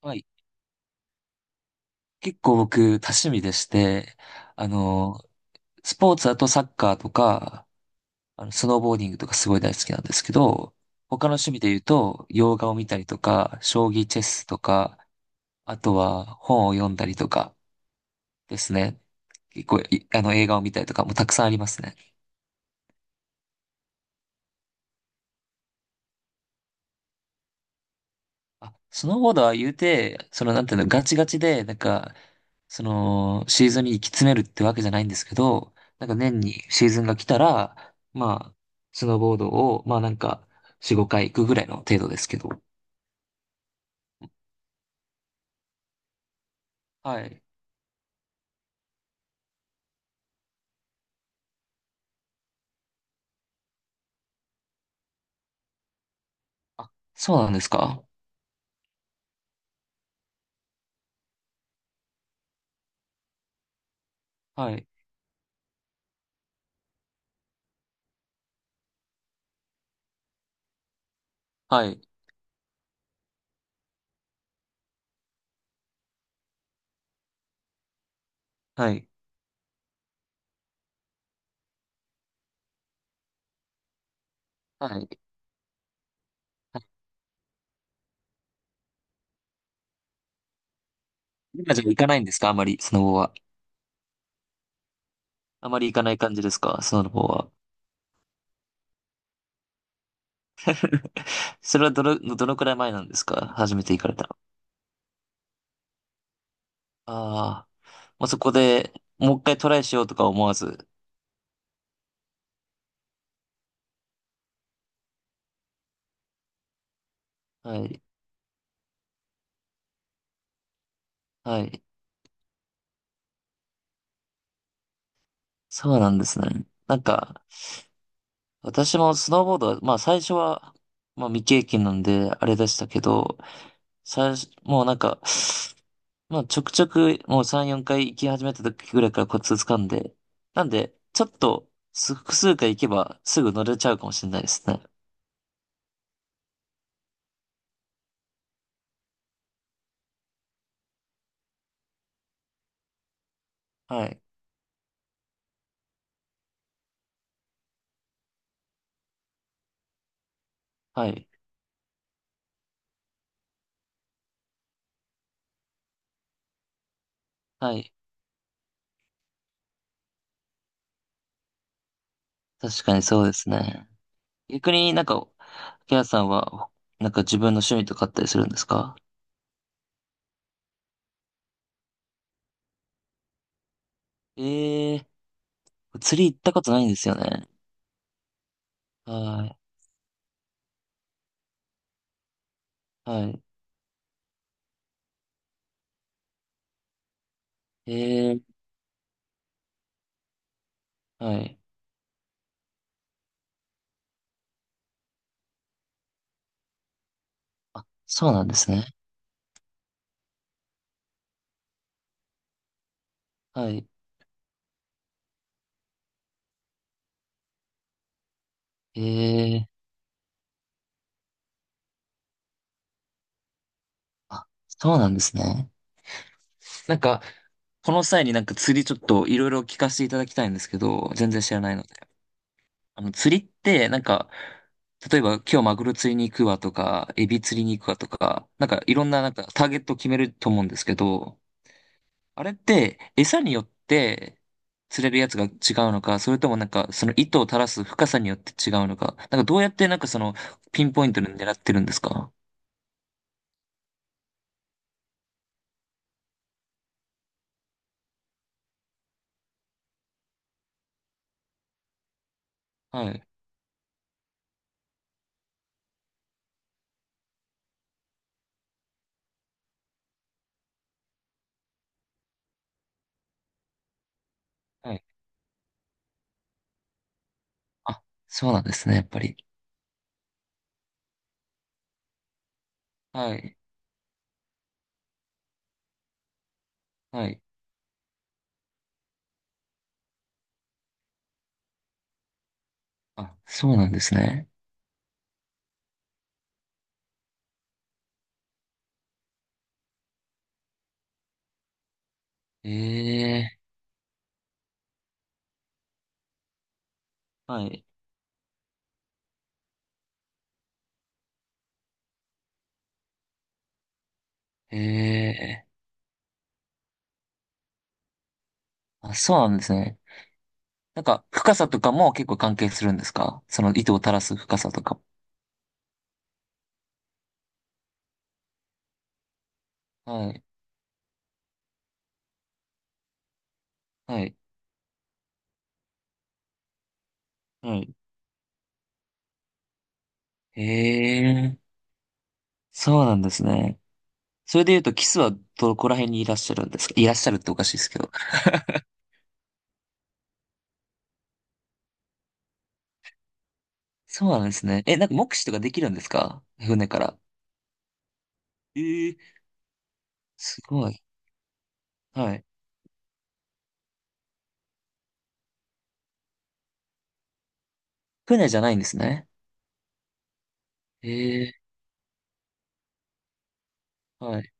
はい。結構僕、多趣味でして、あの、スポーツだとサッカーとか、スノーボーディングとかすごい大好きなんですけど、他の趣味で言うと、洋画を見たりとか、将棋チェスとか、あとは本を読んだりとかですね。結構い、あの、映画を見たりとかもたくさんありますね。あ、スノーボードは言うて、なんていうの、ガチガチで、なんか、シーズンに行き詰めるってわけじゃないんですけど、なんか年にシーズンが来たら、まあ、スノーボードを、まあなんか、4、5回行くぐらいの程度ですけど。はい。あ、そうなんですか？はい。はい。はい。はい。はい。今じゃ行かないんですか？あまり、スノボは。あまり行かない感じですか？スノボは。それはどのくらい前なんですか？初めて行かれたの。ああ、もうそこでもう一回トライしようとか思わず。はい。はい。そうなんですね。なんか、私もスノーボードは、まあ最初は、まあ未経験なんであれでしたけど、最初、もうなんか、まあちょくちょくもう3、4回行き始めた時ぐらいからコツ掴んで、なんで、ちょっと複数回行けばすぐ乗れちゃうかもしれないですね。はい。はい。はい。確かにそうですね。逆になんか、ケアさんは、なんか自分の趣味とかあったりするんですか？ええー、釣り行ったことないんですよね。はい、はい。ええー、はい。そうなんですね。はい。ええー、あ、そうなんですね。なんか、この際になんか釣りちょっといろいろ聞かせていただきたいんですけど、全然知らないので。釣りって、なんか、例えば今日マグロ釣りに行くわとか、エビ釣りに行くわとか、なんかいろんななんかターゲットを決めると思うんですけど、あれって、餌によって釣れるやつが違うのか、それともなんか、その糸を垂らす深さによって違うのか、なんかどうやってなんかピンポイントで狙ってるんですか？はい。はい。あ、そうなんですね、やっぱり。はい。はい。あ、そうなんですね。ええ、はい。ええ、あ、そうなんですね。なんか、深さとかも結構関係するんですか？その糸を垂らす深さとか。はい。はい。はい。ええ、そうなんですね。それで言うと、キスはどこら辺にいらっしゃるんですか？いらっしゃるっておかしいですけど。そうなんですね。え、なんか目視とかできるんですか？船から。えー、すごい。はい。船じゃないんですね。えー、はい。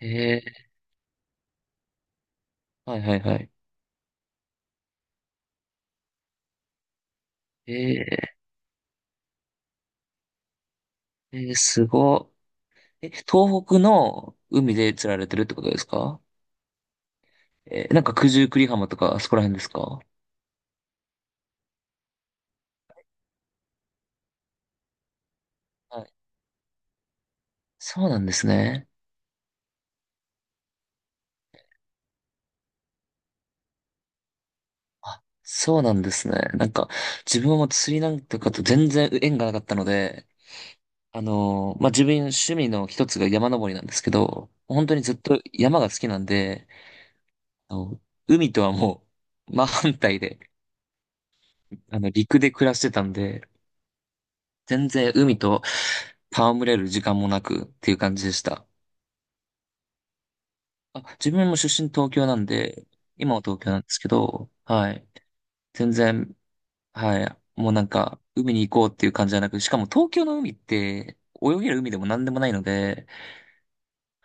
えー、はいはいはい。えー、えーすごい。え、東北の海で釣られてるってことですか？えー、なんか九十九里浜とかあそこら辺ですか？はい。そうなんですね。あ、そうなんですね。なんか、自分はもう釣りなんとかと全然縁がなかったので、まあ、自分趣味の一つが山登りなんですけど、本当にずっと山が好きなんで、あの、海とはもう真反対で、陸で暮らしてたんで、全然海と戯れる時間もなくっていう感じでした。あ、自分も出身東京なんで、今は東京なんですけど、はい。全然、はい。もうなんか、海に行こうっていう感じじゃなく、しかも東京の海って、泳げる海でも何でもないので、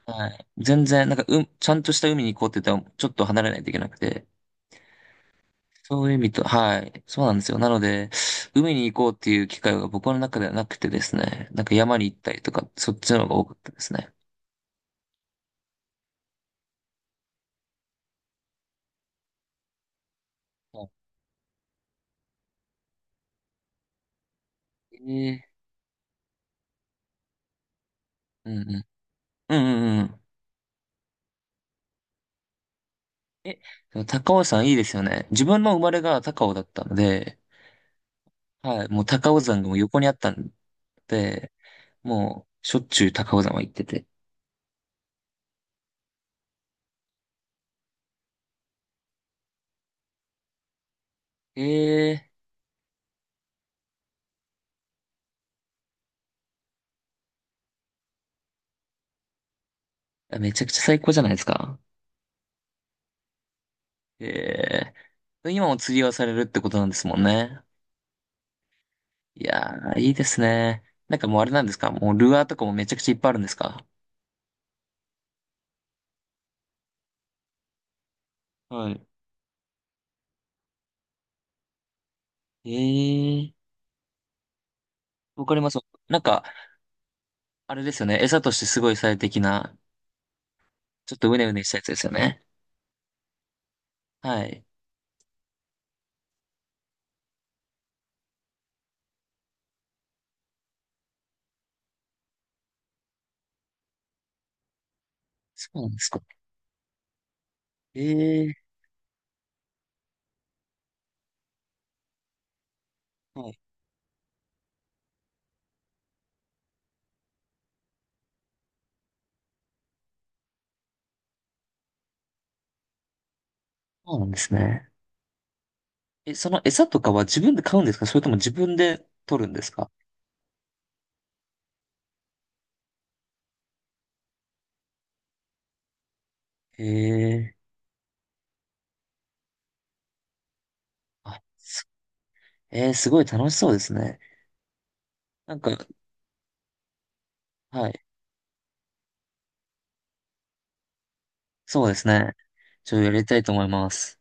はい。全然、なんか、うん、ちゃんとした海に行こうって言ったら、ちょっと離れないといけなくて。そういう意味と、はい。そうなんですよ。なので、海に行こうっていう機会が僕の中ではなくてですね。なんか山に行ったりとか、そっちの方が多かったですね。はい、えー、うんうん。うんうんうん。え、でも高尾山いいですよね。自分の生まれが高尾だったので、はい。もう高尾山がもう横にあったんで、もう、しょっちゅう高尾山は行ってて。ええーめちゃくちゃ最高じゃないですか。ええ。今も釣りをされるってことなんですもんね。いやー、いいですね。なんかもうあれなんですか？もうルアーとかもめちゃくちゃいっぱいあるんですか？はい。ええ。わかります。なんか、あれですよね。餌としてすごい最適な、ちょっとうねうねしたやつですよね。はい。そうなんですか。ええ。はい。そうなんですね。え、その餌とかは自分で買うんですか？それとも自分で取るんですか？ええ。あ、えーすごい楽しそうですね。なんか、はい。そうですね。ちょっとやりたいと思います。